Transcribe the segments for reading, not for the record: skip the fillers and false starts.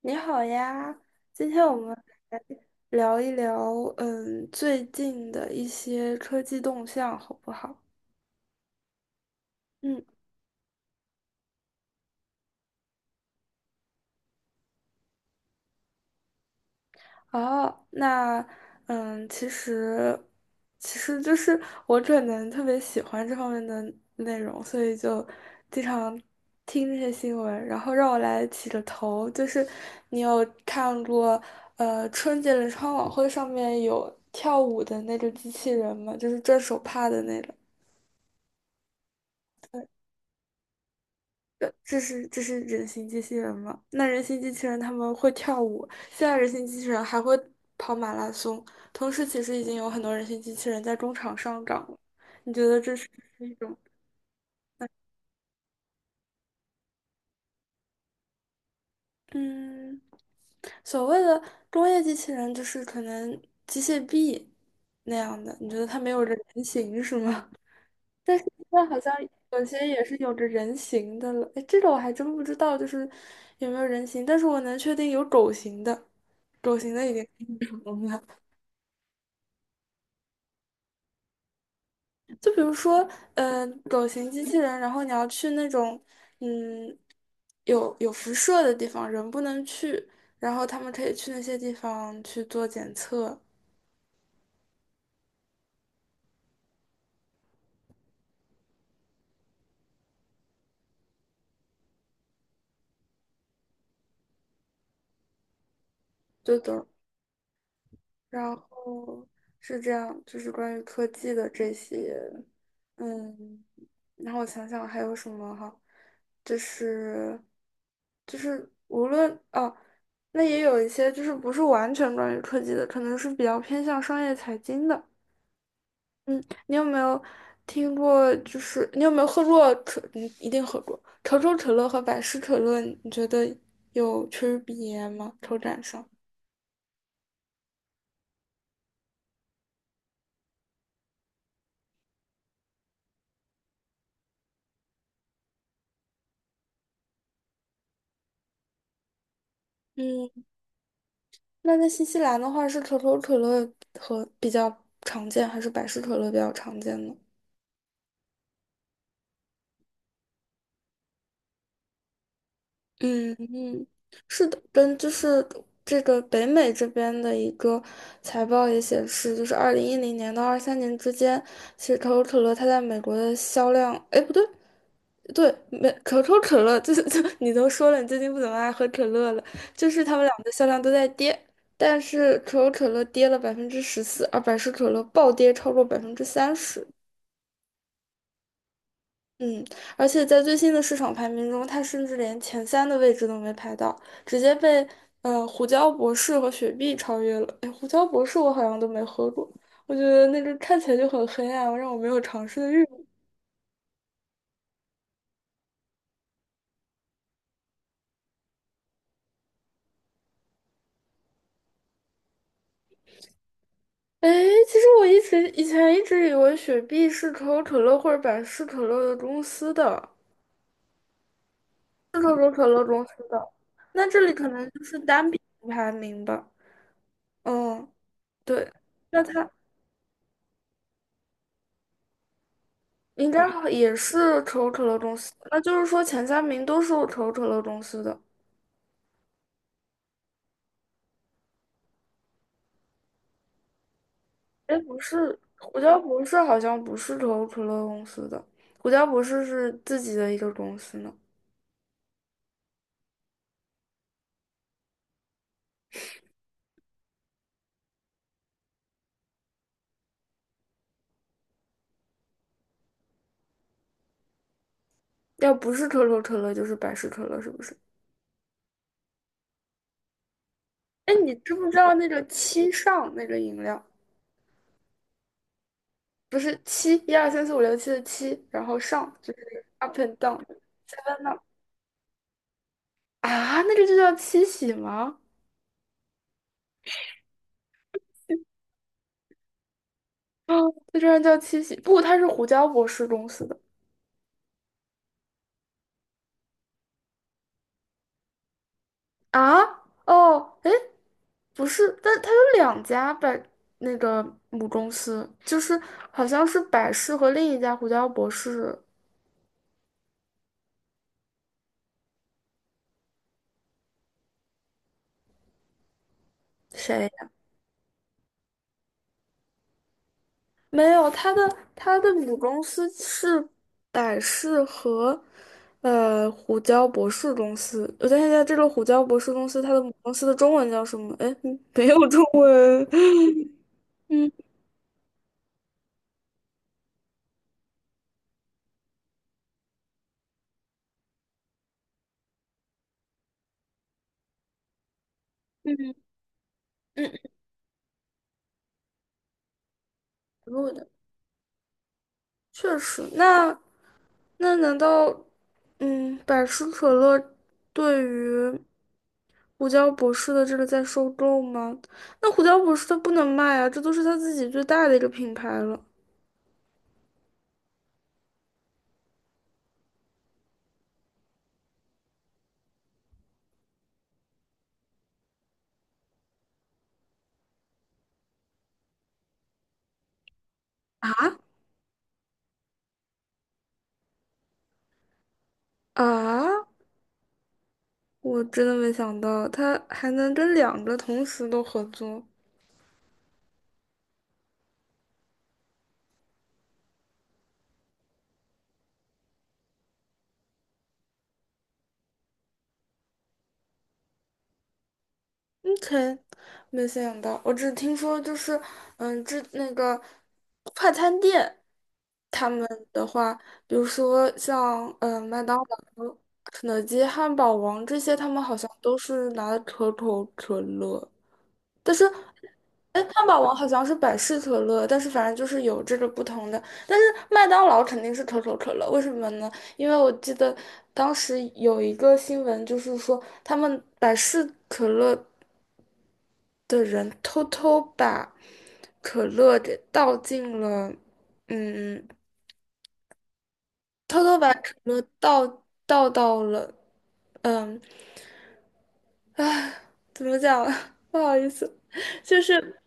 你好呀，今天我们来聊一聊，最近的一些科技动向，好不好？嗯，哦，那，嗯，其实，其实就是我可能特别喜欢这方面的内容，所以就经常听这些新闻。然后让我来起个头，就是你有看过，春节联欢晚会上面有跳舞的那个机器人吗？就是转手帕的那个。这是人形机器人吗？那人形机器人他们会跳舞，现在人形机器人还会跑马拉松，同时其实已经有很多人形机器人在中场上岗了。你觉得这是一种嗯，所谓的工业机器人就是可能机械臂那样的？你觉得它没有着人形是吗？但是现在好像有些也是有着人形的了，哎，这个我还真不知道，就是有没有人形，但是我能确定有狗形的。狗型的已经很容了。就比如说，狗型机器人，然后你要去那种，嗯，有辐射的地方，人不能去，然后他们可以去那些地方去做检测，就等然后是这样，就是关于科技的这些，嗯，然后我想想还有什么哈，就是就是无论哦，那也有一些就是不是完全关于科技的，可能是比较偏向商业财经的。嗯，你有没有听过？就是你有没有喝过可？你一定喝过可口可乐和百事可乐，你觉得有区别吗？口感上？嗯。那在新西兰的话，是可口可乐和比较常见，还是百事可乐比较常见呢？嗯嗯，是的，跟就是这个北美这边的一个财报也显示，就是2010年到23年之间，其实可口可乐它在美国的销量，哎，不对。对，可口可乐就是 就你都说了，你最近不怎么爱喝可乐了，就是他们两个的销量都在跌，但是可口可乐跌了14%，而百事可乐暴跌超过30%。嗯，而且在最新的市场排名中，它甚至连前三的位置都没排到，直接被胡椒博士和雪碧超越了。哎，胡椒博士我好像都没喝过，我觉得那个看起来就很黑暗，让我没有尝试的欲望。哎，其实我一直以前一直以为雪碧是可口可乐或者百事可乐的公司的，是可口可乐公司的，那这里可能就是单品排名吧。嗯，对，那它。应该好也是可口可乐公司，那就是说前三名都是可口可乐公司的。哎，不是，胡椒博士好像不是可口可乐公司的，胡椒博士是自己的一个公司呢。要不是可口可乐，就是百事可乐，是不是？哎，你知不知道那个七上那个饮料？不是七，一二三四五六七的七，然后上就是 up and down，在那啊，那个就叫七喜吗？啊，那居然叫七喜，不，它是胡椒博士公司的。啊，哦，哎，不是，但它有两家那个母公司，就是好像是百事和另一家胡椒博士，谁呀没有，它的母公司是百事和胡椒博士公司。我想一下，这个胡椒博士公司它的母公司的中文叫什么？哎，没有中文。嗯嗯嗯，嗯，对的，确实。那难道，百事可乐对于胡椒博士的这个在收购吗？那胡椒博士他不能卖啊，这都是他自己最大的一个品牌了啊啊！我真的没想到他还能跟两个同时都合作。嗯，k 没想到，我只听说就是，那个快餐店，他们的话，比如说像麦当劳、肯德基、汉堡王这些，他们好像都是拿可口可乐，但是，哎，汉堡王好像是百事可乐，但是反正就是有这个不同的，但是麦当劳肯定是可口可乐，为什么呢？因为我记得当时有一个新闻，就是说他们百事可乐的人偷偷把可乐给倒进了，嗯，偷偷把可乐倒到了，嗯，怎么讲？不好意思，就是。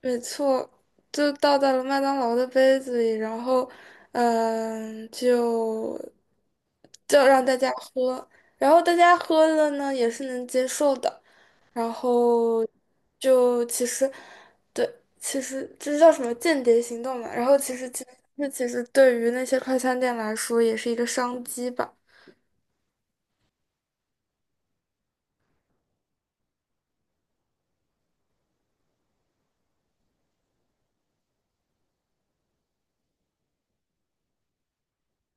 没错，就倒在了麦当劳的杯子里，然后，嗯，就就让大家喝，然后大家喝了呢，也是能接受的，然后就其实，对，其实这叫什么间谍行动嘛，然后其实这其实对于那些快餐店来说也是一个商机吧，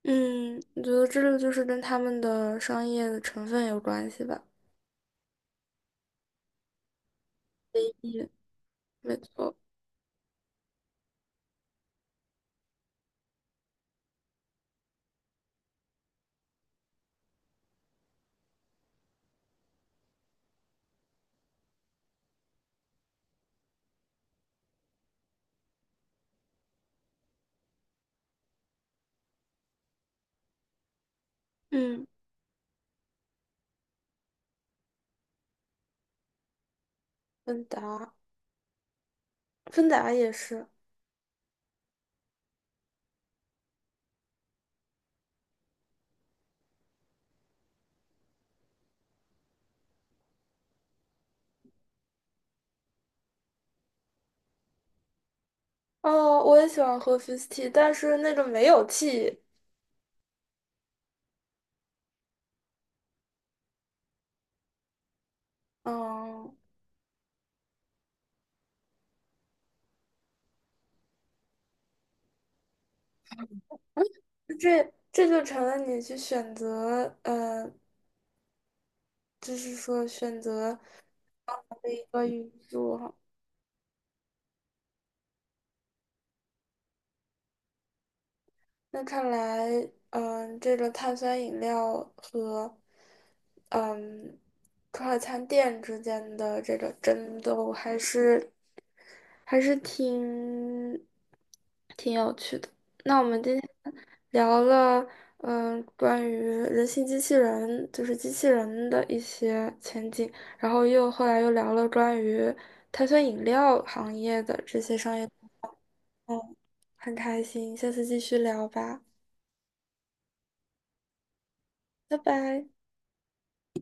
嗯，我觉得这个就是跟他们的商业的成分有关系吧，也没错，嗯，问答。芬达也是。哦，我也喜欢喝 f i z t e 但是那种没有 tea。嗯，这就成了你去选择，就是说选择的一个因素哈。那看来，这个碳酸饮料和嗯快餐店之间的这个争斗还是挺有趣的。那我们今天聊了，关于人形机器人，就是机器人的一些前景，然后又后来又聊了关于碳酸饮料行业的这些商业，嗯，很开心，下次继续聊吧，拜拜。